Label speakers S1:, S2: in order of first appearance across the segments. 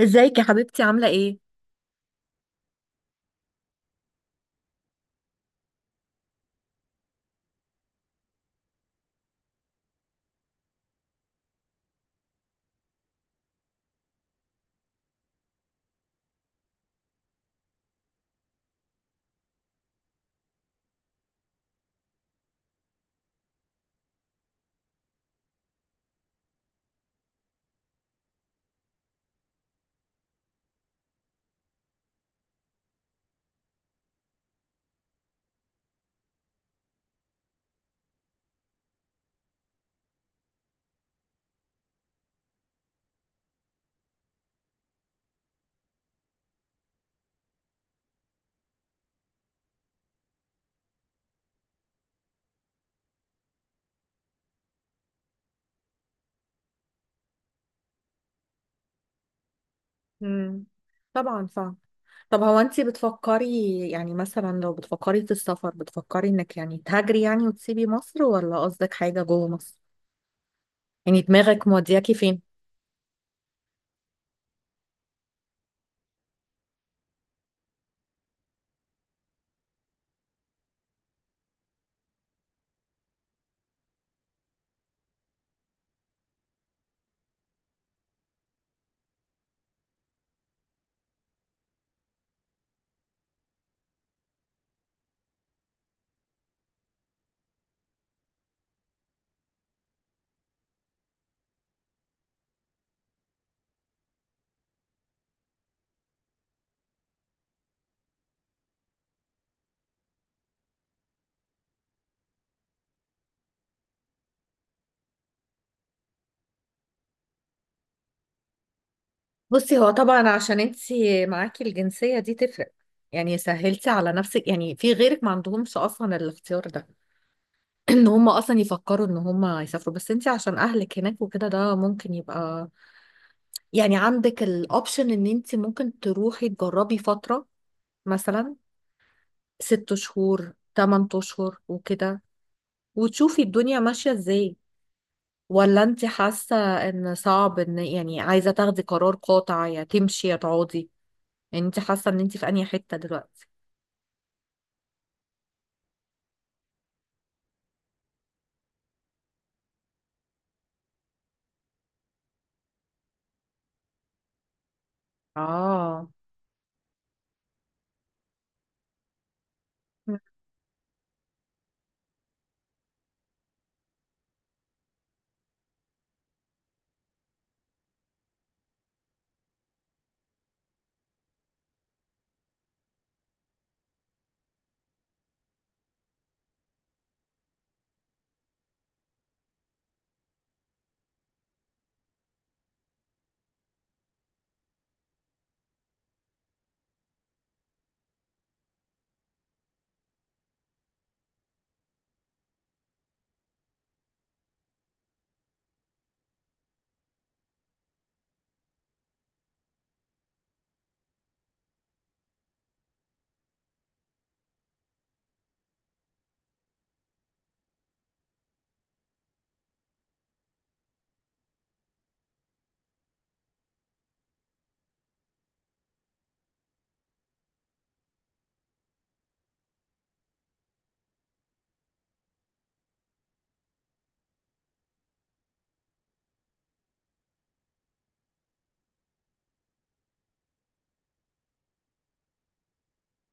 S1: ازيك يا حبيبتي عاملة ايه؟ مم. طبعا فاهم. طب هو انت بتفكري، يعني مثلا لو بتفكري في السفر، بتفكري انك يعني تهاجري يعني وتسيبي مصر، ولا قصدك حاجة جوه مصر؟ يعني دماغك مودياكي فين؟ بصي، هو طبعا عشان انت معاكي الجنسية دي تفرق، يعني سهلتي على نفسك، يعني في غيرك ما عندهمش اصلا الاختيار ده. ان هم اصلا يفكروا ان هم يسافروا، بس انت عشان اهلك هناك وكده، ده ممكن يبقى، يعني عندك الاوبشن ان انت ممكن تروحي تجربي فترة، مثلا ست شهور، تمن اشهر وكده، وتشوفي الدنيا ماشية ازاي. ولا انت حاسة ان صعب ان، يعني عايزة تاخدي قرار قاطع يا تمشي يا تقعدي؟ يعني انت حاسة ان انت في انهي حتة دلوقتي؟ اه.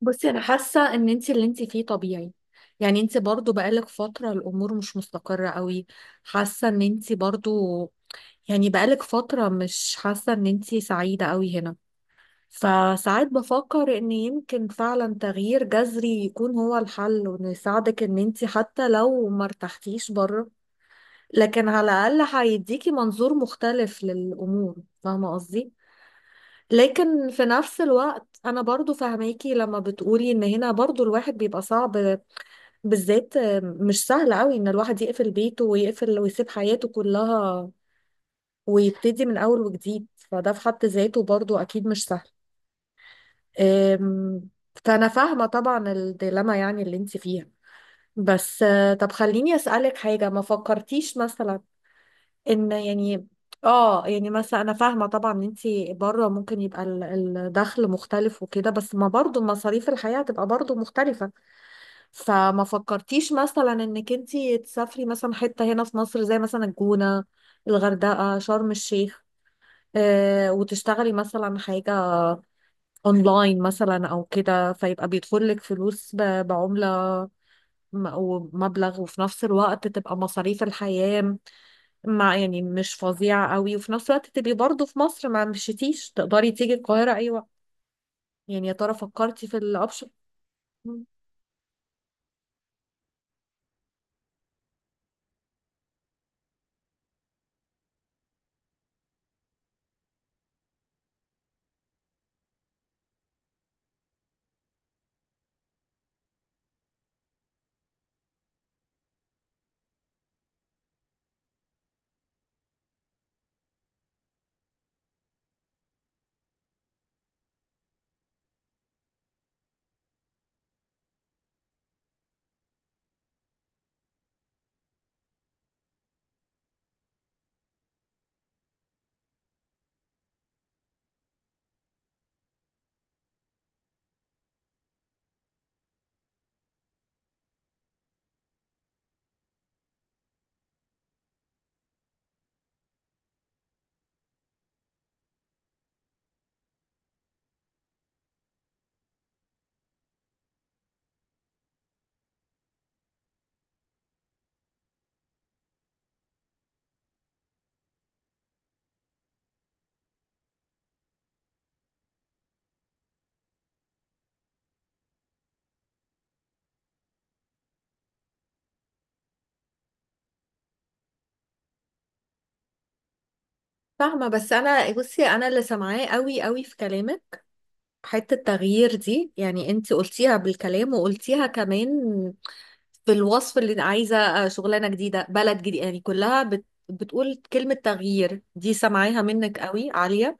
S1: بصي انا حاسه ان انت اللي انت فيه طبيعي، يعني انت برضو بقالك فتره الامور مش مستقره قوي، حاسه ان انت برضو، يعني بقالك فتره مش حاسه ان انت سعيده قوي هنا. فساعات بفكر ان يمكن فعلا تغيير جذري يكون هو الحل، وانه يساعدك ان انت حتى لو ما ارتحتيش بره، لكن على الاقل هيديكي منظور مختلف للامور. فاهمه قصدي؟ لكن في نفس الوقت انا برضو فاهماكي لما بتقولي ان هنا برضو الواحد بيبقى صعب، بالذات. مش سهل قوي ان الواحد يقفل بيته ويقفل ويسيب حياته كلها ويبتدي من اول وجديد، فده في حد ذاته برضو اكيد مش سهل. أم، فأنا فاهمة طبعا الديلما يعني اللي انت فيها. بس طب خليني أسألك حاجة. ما فكرتيش مثلا إن، يعني، اه يعني مثلا أنا فاهمة طبعا إن انت بره ممكن يبقى الدخل مختلف وكده، بس ما برضو مصاريف الحياة هتبقى برضو مختلفة. فما فكرتيش مثلا إنك انت تسافري مثلا حتة هنا في مصر، زي مثلا الجونة، الغردقة، شرم الشيخ، وتشتغلي مثلا حاجة اونلاين مثلا او كده، فيبقى بيدخل لك فلوس بعملة ومبلغ، وفي نفس الوقت تبقى مصاريف الحياة مع، يعني مش فظيعة قوي، وفي نفس الوقت تبقي برضه في مصر، ما مشيتيش، تقدري تيجي القاهرة اي وقت. يعني يا ترى فكرتي في الاوبشن؟ فاهمة. بس أنا، بصي، أنا اللي سامعاه قوي قوي في كلامك حتة التغيير دي، يعني أنت قلتيها بالكلام وقلتيها كمان في الوصف، اللي عايزة شغلانة جديدة، بلد جديد، يعني كلها بتقول كلمة تغيير، دي سامعاها منك قوي عالية.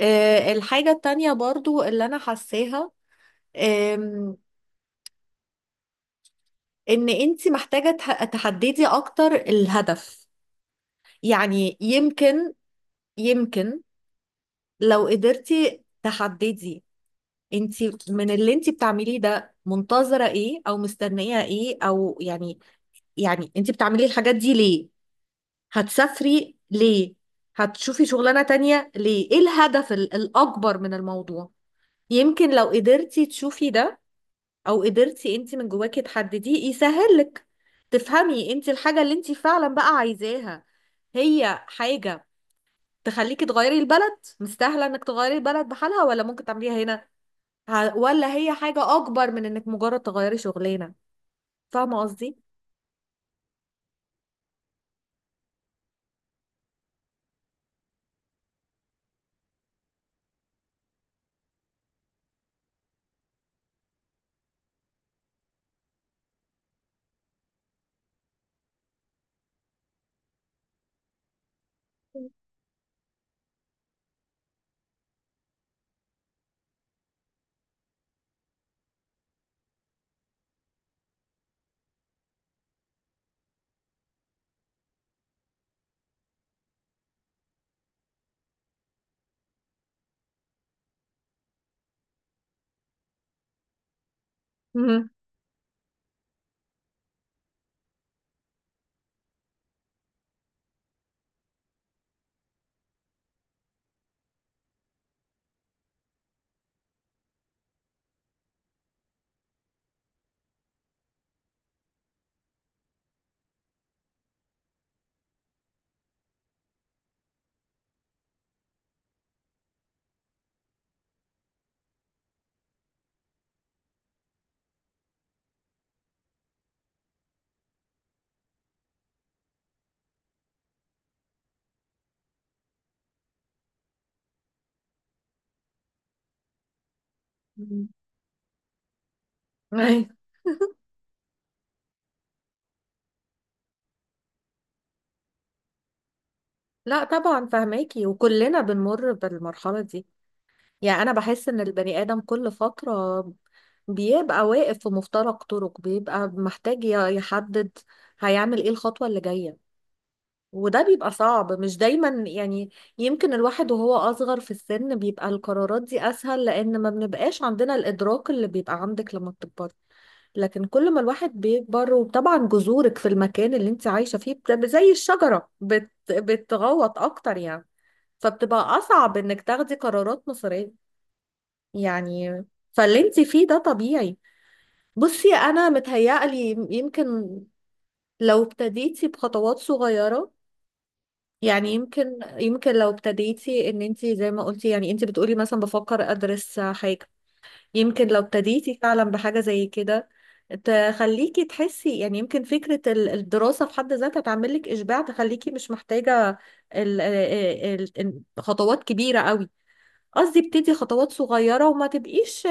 S1: الحاجة التانية برضو اللي أنا حاساها، آم، إن أنت محتاجة تحددي أكتر الهدف. يعني يمكن، يمكن لو قدرتي تحددي أنت من اللي أنت بتعمليه ده منتظرة إيه أو مستنية إيه، أو يعني، يعني أنت بتعملي الحاجات دي ليه؟ هتسافري ليه؟ هتشوفي شغلانة تانية ليه؟ ايه الهدف الأكبر من الموضوع؟ يمكن لو قدرتي تشوفي ده، أو قدرتي انت من جواكي تحدديه، يسهل لك تفهمي انت الحاجة اللي انت فعلا بقى عايزاها. هي حاجة تخليكي تغيري البلد، مستاهلة انك تغيري البلد بحالها، ولا ممكن تعمليها هنا، ولا هي حاجة أكبر من انك مجرد تغيري شغلانة؟ فاهمة قصدي؟ مهم. مهم. أيوة. لا طبعا فهماكي، وكلنا بنمر بالمرحلة دي. يعني انا بحس ان البني ادم كل فترة بيبقى واقف في مفترق طرق، بيبقى محتاج يحدد هيعمل ايه الخطوة اللي جاية، وده بيبقى صعب مش دايما يعني. يمكن الواحد وهو اصغر في السن بيبقى القرارات دي اسهل، لان ما بنبقاش عندنا الادراك اللي بيبقى عندك لما بتكبر. لكن كل ما الواحد بيكبر، وطبعا جذورك في المكان اللي انت عايشة فيه زي الشجرة بتغوط اكتر يعني، فبتبقى اصعب انك تاخدي قرارات مصيرية يعني. فاللي انت فيه ده طبيعي. بصي انا متهيألي يمكن لو ابتديتي بخطوات صغيرة، يعني يمكن، لو ابتديتي ان انت زي ما قلتي، يعني انت بتقولي مثلا بفكر ادرس حاجة، يمكن لو ابتديتي فعلا بحاجة زي كده، تخليكي تحسي، يعني يمكن فكرة الدراسة في حد ذاتها تعمل لك إشباع، تخليكي مش محتاجة خطوات كبيرة قوي. قصدي ابتدي خطوات صغيرة وما تبقيش،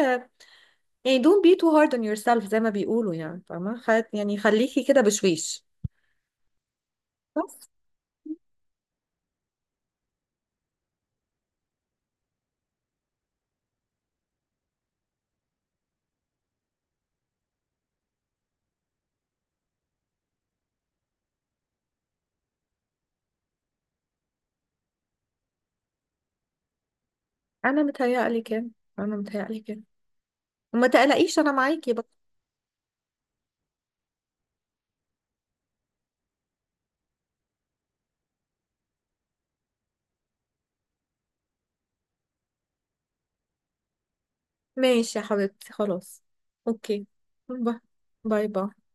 S1: يعني don't be too hard on yourself زي ما بيقولوا. يعني فاهمة؟ يعني خليكي كده بشويش بس. أنا متهيألي كده، أنا متهيألي كده، وما تقلقيش، أنا معاكي بقى. ماشي يا حبيبتي، خلاص. أوكي. باي. باي باي.